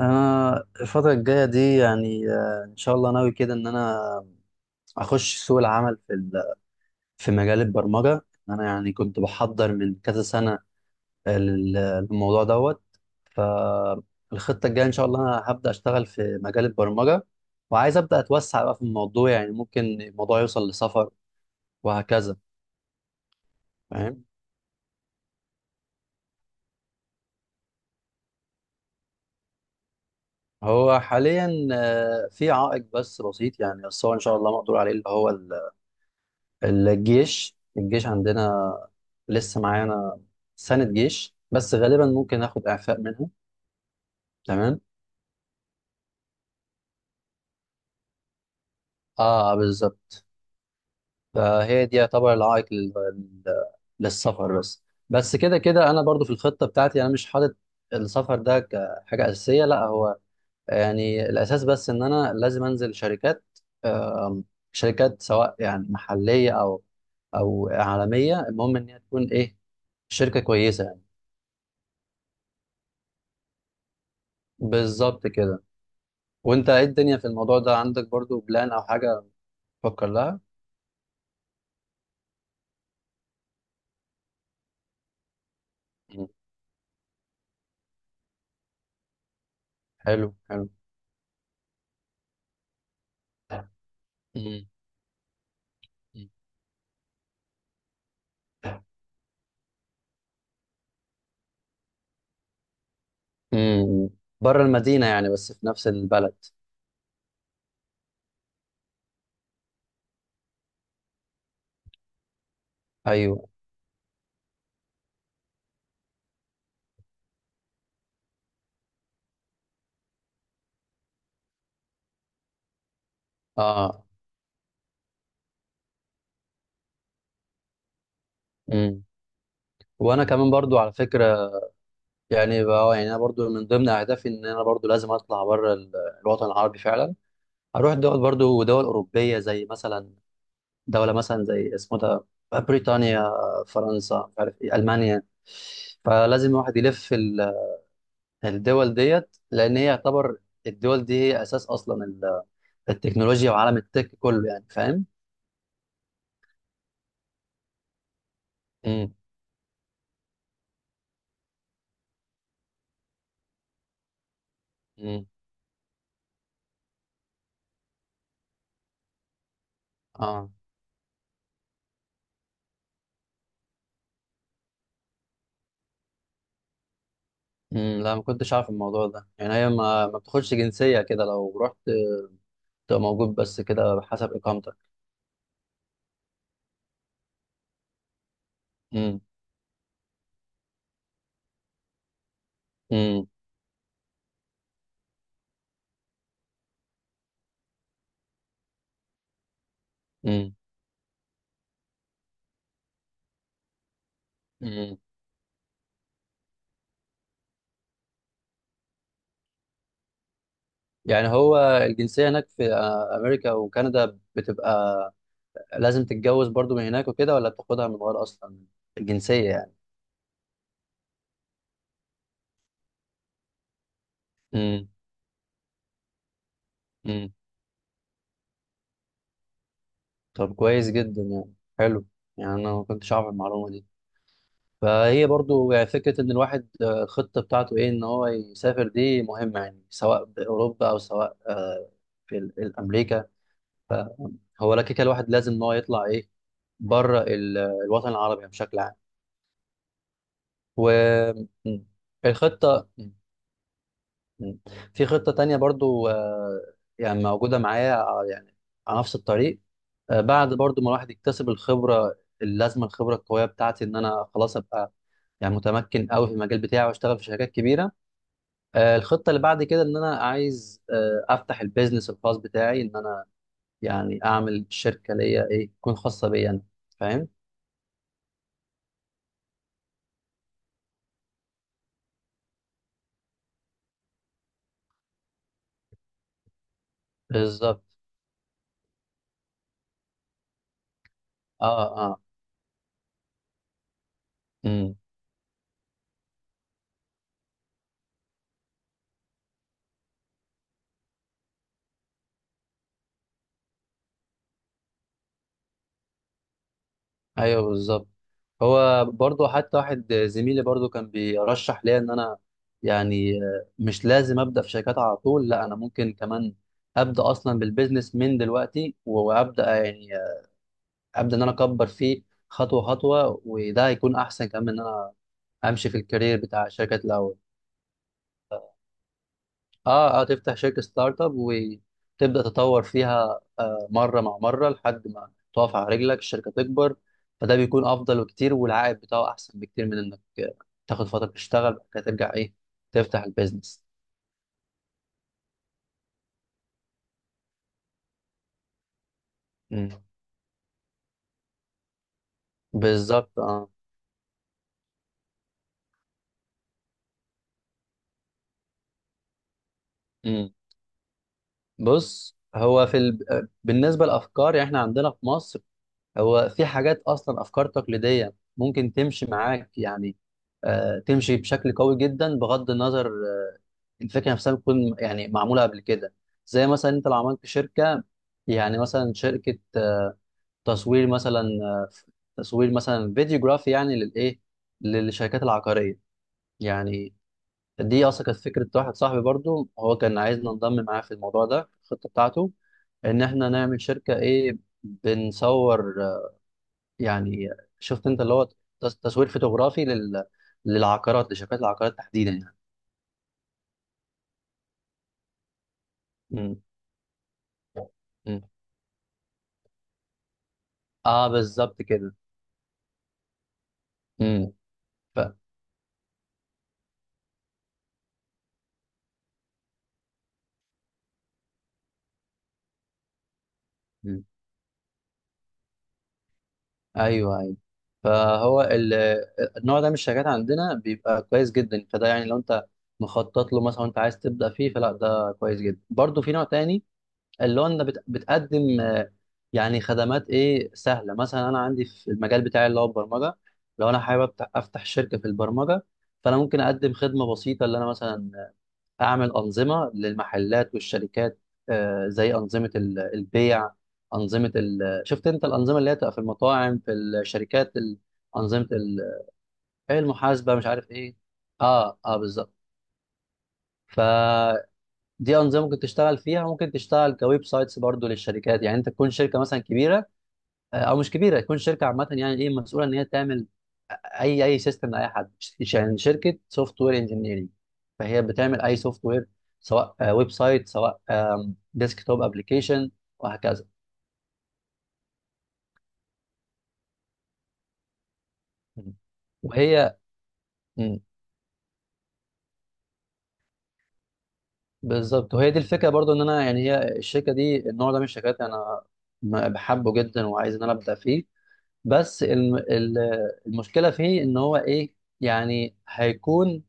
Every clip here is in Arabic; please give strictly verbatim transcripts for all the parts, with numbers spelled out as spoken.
انا الفتره الجايه دي يعني آه، ان شاء الله ناوي كده ان انا اخش سوق العمل في ال- في مجال البرمجه. انا يعني كنت بحضر من كذا سنه لل- للموضوع دوت. فالخطه الجايه ان شاء الله انا هبدا اشتغل في مجال البرمجه، وعايز ابدا اتوسع بقى في الموضوع، يعني ممكن الموضوع يوصل لسفر وهكذا. فاهم. هو حاليا آه، في عائق بس بسيط يعني، بس هو ان شاء الله مقدور عليه، اللي هو الجيش الجيش عندنا لسه معانا، سنة جيش، بس غالبا ممكن اخد اعفاء منها. تمام. اه، بالظبط. فهي دي يعتبر العائق لل... لل- للسفر، بس بس كده كده انا برضو في الخطة بتاعتي انا مش حاطط السفر ده كحاجة أساسية. لا، هو يعني الأساس بس إن أنا لازم أنزل شركات، آم، شركات سواء يعني محلية أو أو عالمية، المهم إن هي تكون إيه، شركة كويسة يعني. بالظبط كده. وانت ايه الدنيا في الموضوع ده، عندك برضو بلان او حاجة تفكر لها؟ مم. حلو، حلو. مم. مم. امم. بره المدينة يعني، بس في نفس البلد. ايوه. اه. امم. وانا كمان برضو على فكرة يعني بقى، يعني انا برضو من ضمن اهدافي ان انا برضو لازم اطلع بره ال- الوطن العربي فعلا. اروح دول، برضو دول اوروبية زي مثلا دولة مثلا زي اسمه ده، بريطانيا، فرنسا، مش عارف ايه، المانيا. فلازم الواحد يلف الدول ديت، لان هي يعتبر الدول دي هي اساس اصلا ال- التكنولوجيا وعالم التك كله، يعني فاهم. امم. امم. اه. امم. لا، ما كنتش عارف الموضوع ده. يعني هي ما ما بتاخدش جنسيه كده لو رحت تبقى موجود، بس كده حسب اقامتك. امم. امم. امم. امم. يعني هو الجنسيه هناك في آه، امريكا وكندا بتبقى لازم تتجوز برضو من هناك وكده، ولا بتاخدها من غير اصلا؟ الجنسيه يعني. امم. طب كويس جدا يعني. حلو. يعني انا ما كنتش اعرف المعلومه دي. فهي برضو يعني فكره ان الواحد آه، الخطه بتاعته ايه، ان هو يسافر، دي مهمه يعني، سواء باوروبا او سواء آه، في ال- الامريكا. فهو لا كده، الواحد لازم ان هو يطلع ايه، بره ال- الوطن العربي يعني بشكل عام. والخطه. مم. في خطة تانية برضو، آه، يعني موجودة معايا، آه، يعني على نفس الطريق. آه، بعد برضو ما الواحد يكتسب الخبرة اللازمة، الخبرة القوية بتاعتي، إن أنا خلاص أبقى يعني متمكن قوي في المجال بتاعي واشتغل في شركات كبيرة. آه، الخطة اللي بعد كده إن أنا عايز آه، أفتح البيزنس الخاص بتاعي، إن أنا يعني أعمل شركة ليا إيه، تكون خاصة بيا أنا. فاهم؟ بالظبط. آه، آه. مم. ايوه، بالظبط. هو برضو حتى واحد زميلي برضو كان بيرشح ليا ان انا يعني آه، مش لازم ابدا في شركات على طول، لا انا ممكن كمان ابدا اصلا بالبيزنس من دلوقتي، وابدا يعني آه، ابدا ان انا اكبر فيه خطوه خطوه. وده هيكون احسن كمان من ان انا امشي في الكارير بتاع الشركات الاول. اه، اه. تفتح شركة ستارت اب وتبدأ تطور فيها، آه مرة مع مرة لحد ما تقف على رجلك الشركة، تكبر. فده بيكون أفضل بكتير، والعائد بتاعه أحسن بكتير من إنك آه، تاخد فترة تشتغل بعد كده ترجع إيه، تفتح البيزنس. مم. بالظبط. اه. امم. بص، هو في ال... آه، بالنسبة للأفكار يعني إحنا عندنا في مصر، هو في حاجات أصلا أفكار تقليدية ممكن تمشي معاك يعني، آه تمشي بشكل قوي جدا بغض النظر الفكره نفسها بتكون يعني معموله قبل كده. زي مثلا انت لو عملت شركه، يعني مثلا شركه آه، تصوير مثلا، آه، تصوير مثلا فيديوجرافي يعني للايه، للشركات العقاريه يعني. دي اصلا كانت فكره واحد صاحبي برضو، هو كان عايزنا ننضم معاه في الموضوع ده في الخطه بتاعته، ان احنا نعمل شركه ايه، بنصور آه، يعني شفت انت، اللي هو تص- تصوير فوتوغرافي لل للعقارات، لشركات العقارات تحديدا يعني. امم. امم. اه، بالظبط كده. امم. مم. ايوه، ايوه. فهو ال- النوع ده من الشركات عندنا بيبقى كويس جدا، فده يعني لو انت مخطط له مثلا وانت عايز تبدا فيه، فلا ده كويس جدا. برضو في نوع تاني اللي هو انت بت- بتقدم آه، يعني خدمات ايه، سهله. مثلا انا عندي في المجال بتاعي اللي هو البرمجه، لو انا حابب أبت- افتح شركه في البرمجه، فانا ممكن اقدم خدمه بسيطه اللي انا مثلا اعمل انظمه للمحلات والشركات، آه، زي انظمه ال- البيع، انظمه ال... شفت انت الانظمه اللي هي بتبقى في المطاعم، في الشركات ال- انظمه ال... إيه، المحاسبه، مش عارف ايه. اه، اه، بالظبط. فدي انظمه ممكن تشتغل فيها. ممكن تشتغل كويب سايتس برضو للشركات، يعني انت تكون شركه مثلا كبيره آه، او مش كبيره، تكون شركه عامه يعني، ايه، مسؤوله ان هي تعمل اي اي سيستم لاي حد، ش- يعني شركه سوفت وير انجينيرنج، فهي بتعمل اي سوفت وير، سواء آه، ويب سايت، سواء ديسك توب ابلكيشن، وهكذا. مم. وهي. مم. بالظبط، وهي دي الفكره برضو ان انا، يعني هي الشركه دي، النوع ده من الشركات انا م- بحبه جدا وعايز ان انا ابدا فيه، بس الم- ال- المشكله فيه ان هو ايه، يعني هيكون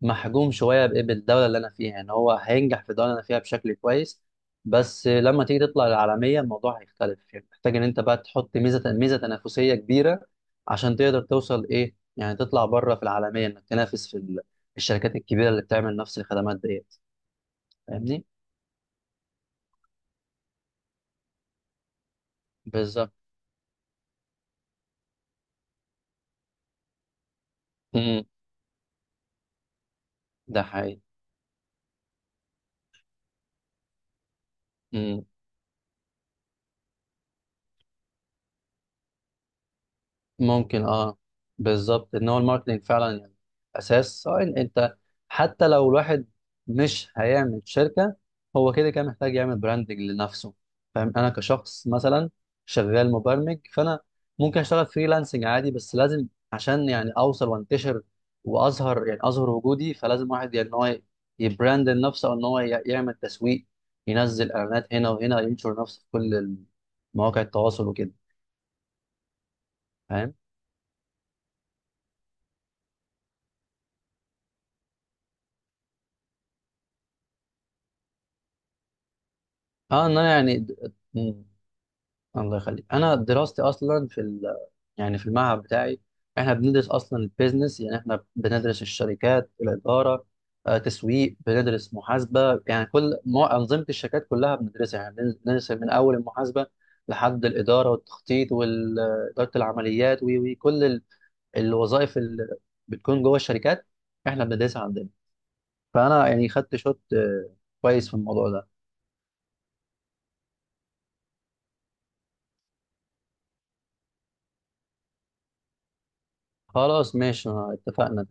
محجوم شويه بإيه؟ بالدوله اللي انا فيها يعني، هو هينجح في الدوله اللي انا فيها بشكل كويس، بس لما تيجي تطلع العالميه الموضوع هيختلف، يعني محتاج ان انت بقى تحط ميزه ميزه تنافسيه كبيره عشان تقدر توصل ايه، يعني تطلع بره في العالميه، انك تنافس في ال- الشركات الكبيره اللي بتعمل نفس الخدمات ديت. فاهمني. بالظبط. امم. ده حقيقي. ممكن، اه. بالظبط ان هو الماركتنج فعلا يعني اساس، سواء انت، حتى لو الواحد مش هيعمل شركه، هو كده كده محتاج يعمل براندنج لنفسه. فاهم، انا كشخص مثلا شغال مبرمج، فانا ممكن اشتغل فريلانسنج عادي، بس لازم عشان يعني اوصل وانتشر واظهر، يعني اظهر وجودي، فلازم واحد يعني ان هو يبراند نفسه، او ان هو ي- يعمل تسويق، ينزل اعلانات هنا وهنا، ينشر نفسه في كل مواقع التواصل وكده. فاهم. اه، ان انا يعني د- م- الله يخليك، انا دراستي اصلا في ال... يعني في المعهد بتاعي، احنا بندرس اصلا البيزنس. يعني احنا بندرس الشركات، الاداره، آه، تسويق، بندرس محاسبه، يعني كل مو... انظمه الشركات كلها بندرسها، يعني بن- بندرس من اول المحاسبه لحد الاداره والتخطيط واداره العمليات وكل ال... الوظائف اللي بتكون جوه الشركات احنا بندرسها عندنا. فانا يعني خدت شوت آه، كويس في الموضوع ده. خلاص، ماشي، آه، اتفقنا.